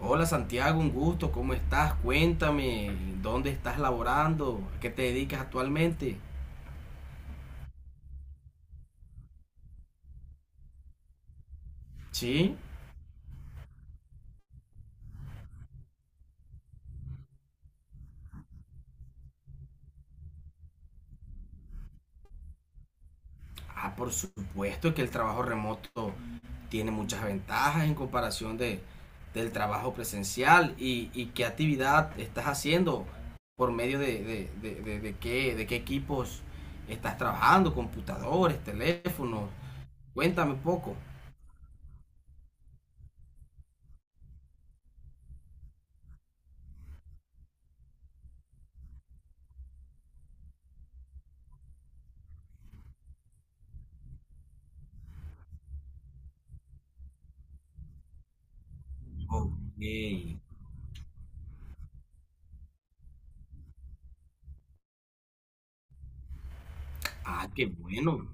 Hola Santiago, un gusto, ¿cómo estás? Cuéntame, ¿dónde estás laborando? ¿A qué te dedicas actualmente? Sí, por supuesto que el trabajo remoto tiene muchas ventajas en comparación del trabajo presencial. ¿Y qué actividad estás haciendo? ¿Por medio de qué, de qué equipos estás trabajando? ¿Computadores, teléfonos? Cuéntame un poco. Ok, ah, qué bueno.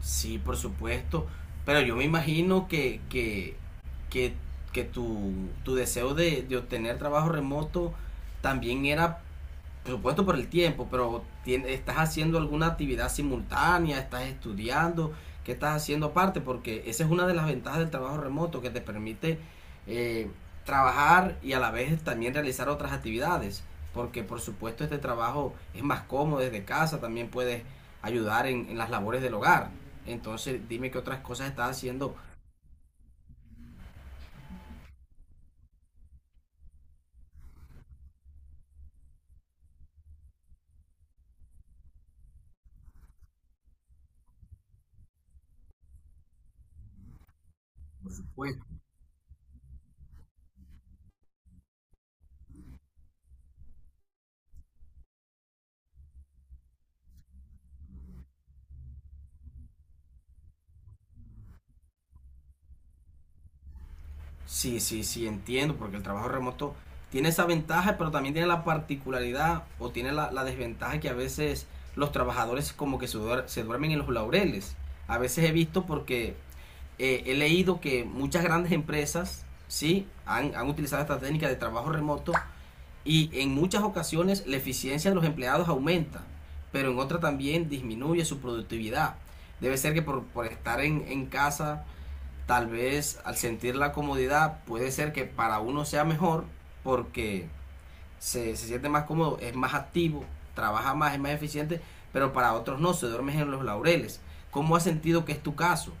Sí, por supuesto. Pero yo me imagino que, que tu deseo de obtener trabajo remoto también era por supuesto por el tiempo, pero estás haciendo alguna actividad simultánea, estás estudiando, ¿qué estás haciendo aparte? Porque esa es una de las ventajas del trabajo remoto que te permite eh, trabajar y a la vez también realizar otras actividades. Porque por supuesto este trabajo es más cómodo desde casa, también puedes ayudar en las labores del hogar. Entonces dime qué otras cosas estás haciendo pues. Sí, sí, sí, entiendo, porque el trabajo remoto tiene esa ventaja, pero también tiene la particularidad o tiene la desventaja que a veces los trabajadores como que se duermen en los laureles. A veces he visto porque he leído que muchas grandes empresas, sí, han utilizado esta técnica de trabajo remoto y en muchas ocasiones la eficiencia de los empleados aumenta, pero en otras también disminuye su productividad. Debe ser que por estar en casa tal vez al sentir la comodidad puede ser que para uno sea mejor porque se siente más cómodo, es más activo, trabaja más, es más eficiente, pero para otros no, se duermen en los laureles. ¿Cómo has sentido que es tu caso?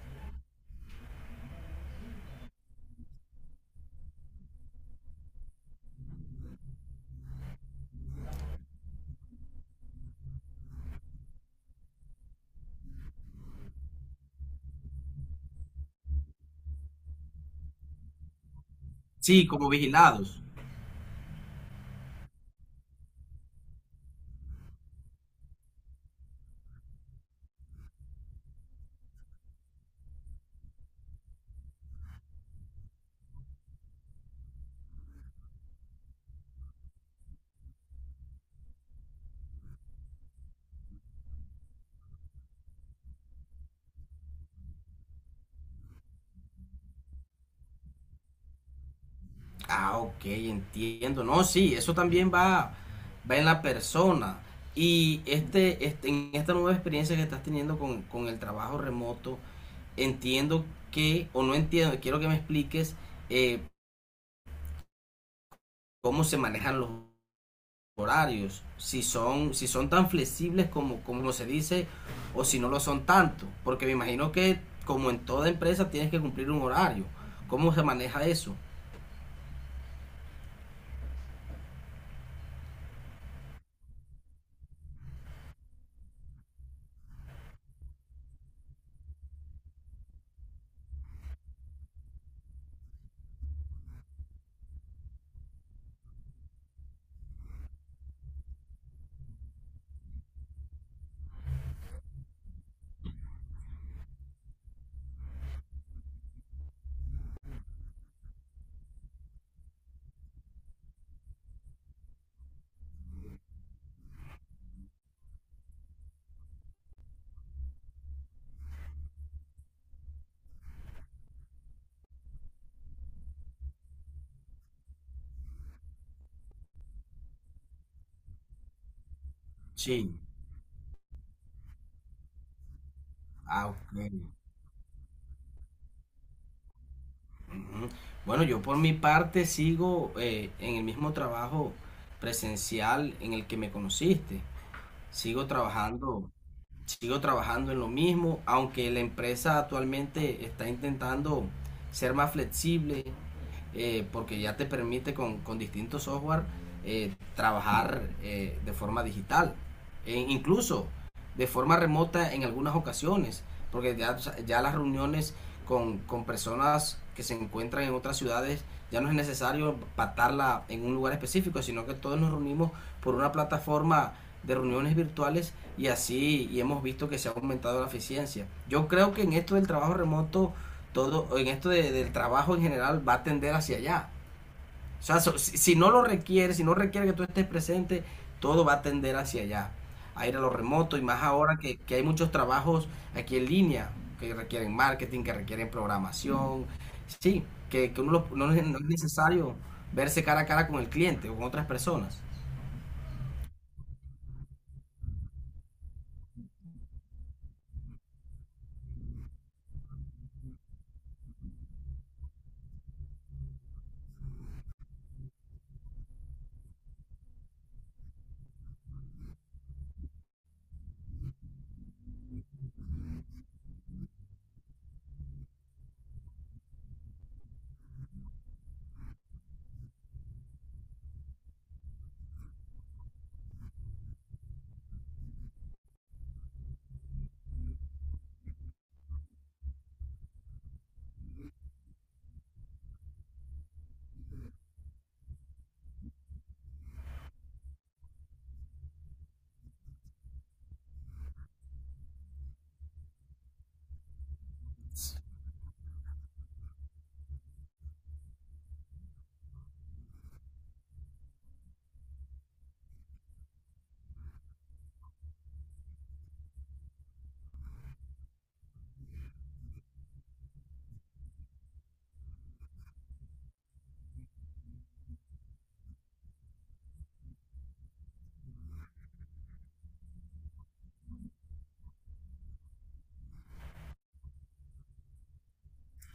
Sí, como vigilados. Ah, ok, entiendo. No, sí, eso también va, va en la persona. Y en esta nueva experiencia que estás teniendo con el trabajo remoto, entiendo que, o no entiendo, quiero que me expliques eh, cómo se manejan los horarios, si son tan flexibles como, como se dice o si no lo son tanto, porque me imagino que como en toda empresa tienes que cumplir un horario. ¿Cómo se maneja eso? Sí. Ah, ok. Ujú. Bueno, yo por mi parte sigo en el mismo trabajo presencial en el que me conociste. Sigo trabajando Sigo trabajando en lo mismo, aunque la empresa actualmente está intentando ser más flexible, porque ya te permite con distintos software trabajar de forma digital, e incluso de forma remota en algunas ocasiones, porque ya las reuniones con personas que se encuentran en otras ciudades ya no es necesario patarla en un lugar específico, sino que todos nos reunimos por una plataforma de reuniones virtuales y así y hemos visto que se ha aumentado la eficiencia. Yo creo que en esto del trabajo remoto, todo, en del trabajo en general va a tender hacia allá. O sea, si no lo requiere, si no requiere que tú estés presente, todo va a tender hacia allá, a ir a lo remoto y más ahora que hay muchos trabajos aquí en línea que requieren marketing, que requieren programación, sí, que no es no es necesario verse cara a cara con el cliente o con otras personas.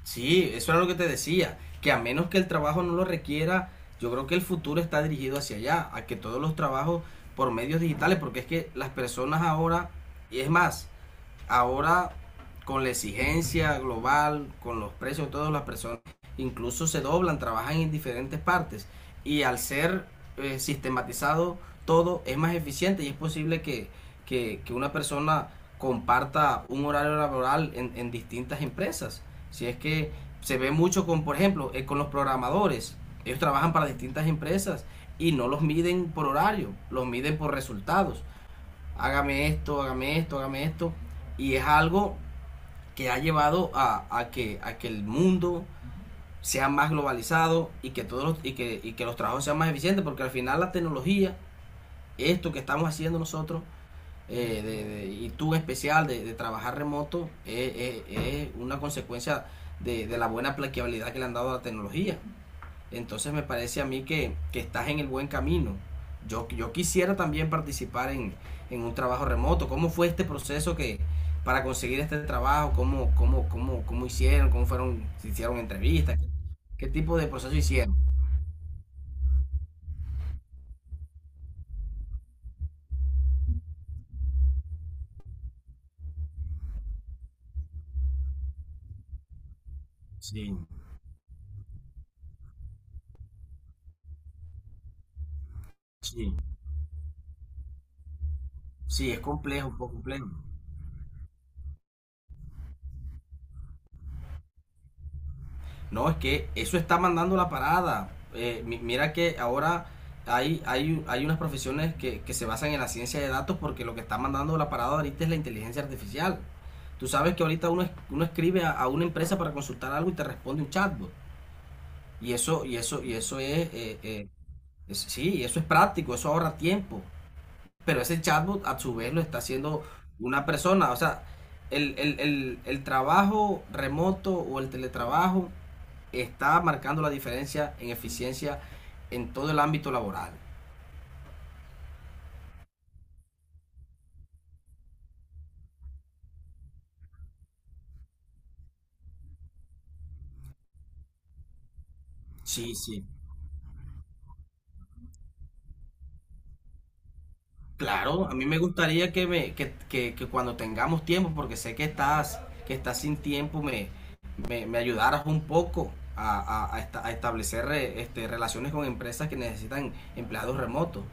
Sí, eso era lo que te decía, que a menos que el trabajo no lo requiera, yo creo que el futuro está dirigido hacia allá, a que todos los trabajos por medios digitales, porque es que las personas ahora, y es más, ahora con la exigencia global, con los precios de todas las personas, incluso se doblan, trabajan en diferentes partes. Y al ser sistematizado todo, es más eficiente y es posible que una persona comparta un horario laboral distintas empresas. Si es que se ve mucho con, por ejemplo, con los programadores. Ellos trabajan para distintas empresas y no los miden por horario, los miden por resultados, hágame esto, hágame esto, hágame esto. Y es algo que ha llevado a a que el mundo sea más globalizado y que, y, y que los trabajos sean más eficientes, porque al final la tecnología, esto que estamos haciendo nosotros, y tú en especial, de trabajar remoto, es una consecuencia de la buena aplicabilidad que le han dado a la tecnología. Entonces me parece a mí que estás en el buen camino. Yo quisiera también participar en un trabajo remoto. ¿Cómo fue este proceso que para conseguir este trabajo? Cómo hicieron? ¿Cómo fueron? ¿Se hicieron entrevistas? ¿Qué, qué tipo de proceso hicieron? Sí, sí, sí, es complejo, un poco complejo. No, es que eso está mandando la parada. Mira que ahora hay unas profesiones que se basan en la ciencia de datos porque lo que está mandando la parada ahorita es la inteligencia artificial. Tú sabes que ahorita uno escribe a una empresa para consultar algo y te responde un chatbot. Y eso es, sí, eso es práctico, eso ahorra tiempo. Pero ese chatbot a su vez lo está haciendo una persona. O sea, el trabajo remoto o el teletrabajo está marcando la diferencia en eficiencia en todo el ámbito laboral. Sí, sí. Claro, a mí me gustaría que, me, que cuando tengamos tiempo, porque sé que estás sin tiempo, me ayudaras un poco a establecer relaciones con empresas que necesitan empleados remotos.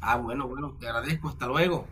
Ah, bueno, bueno, te agradezco, hasta luego.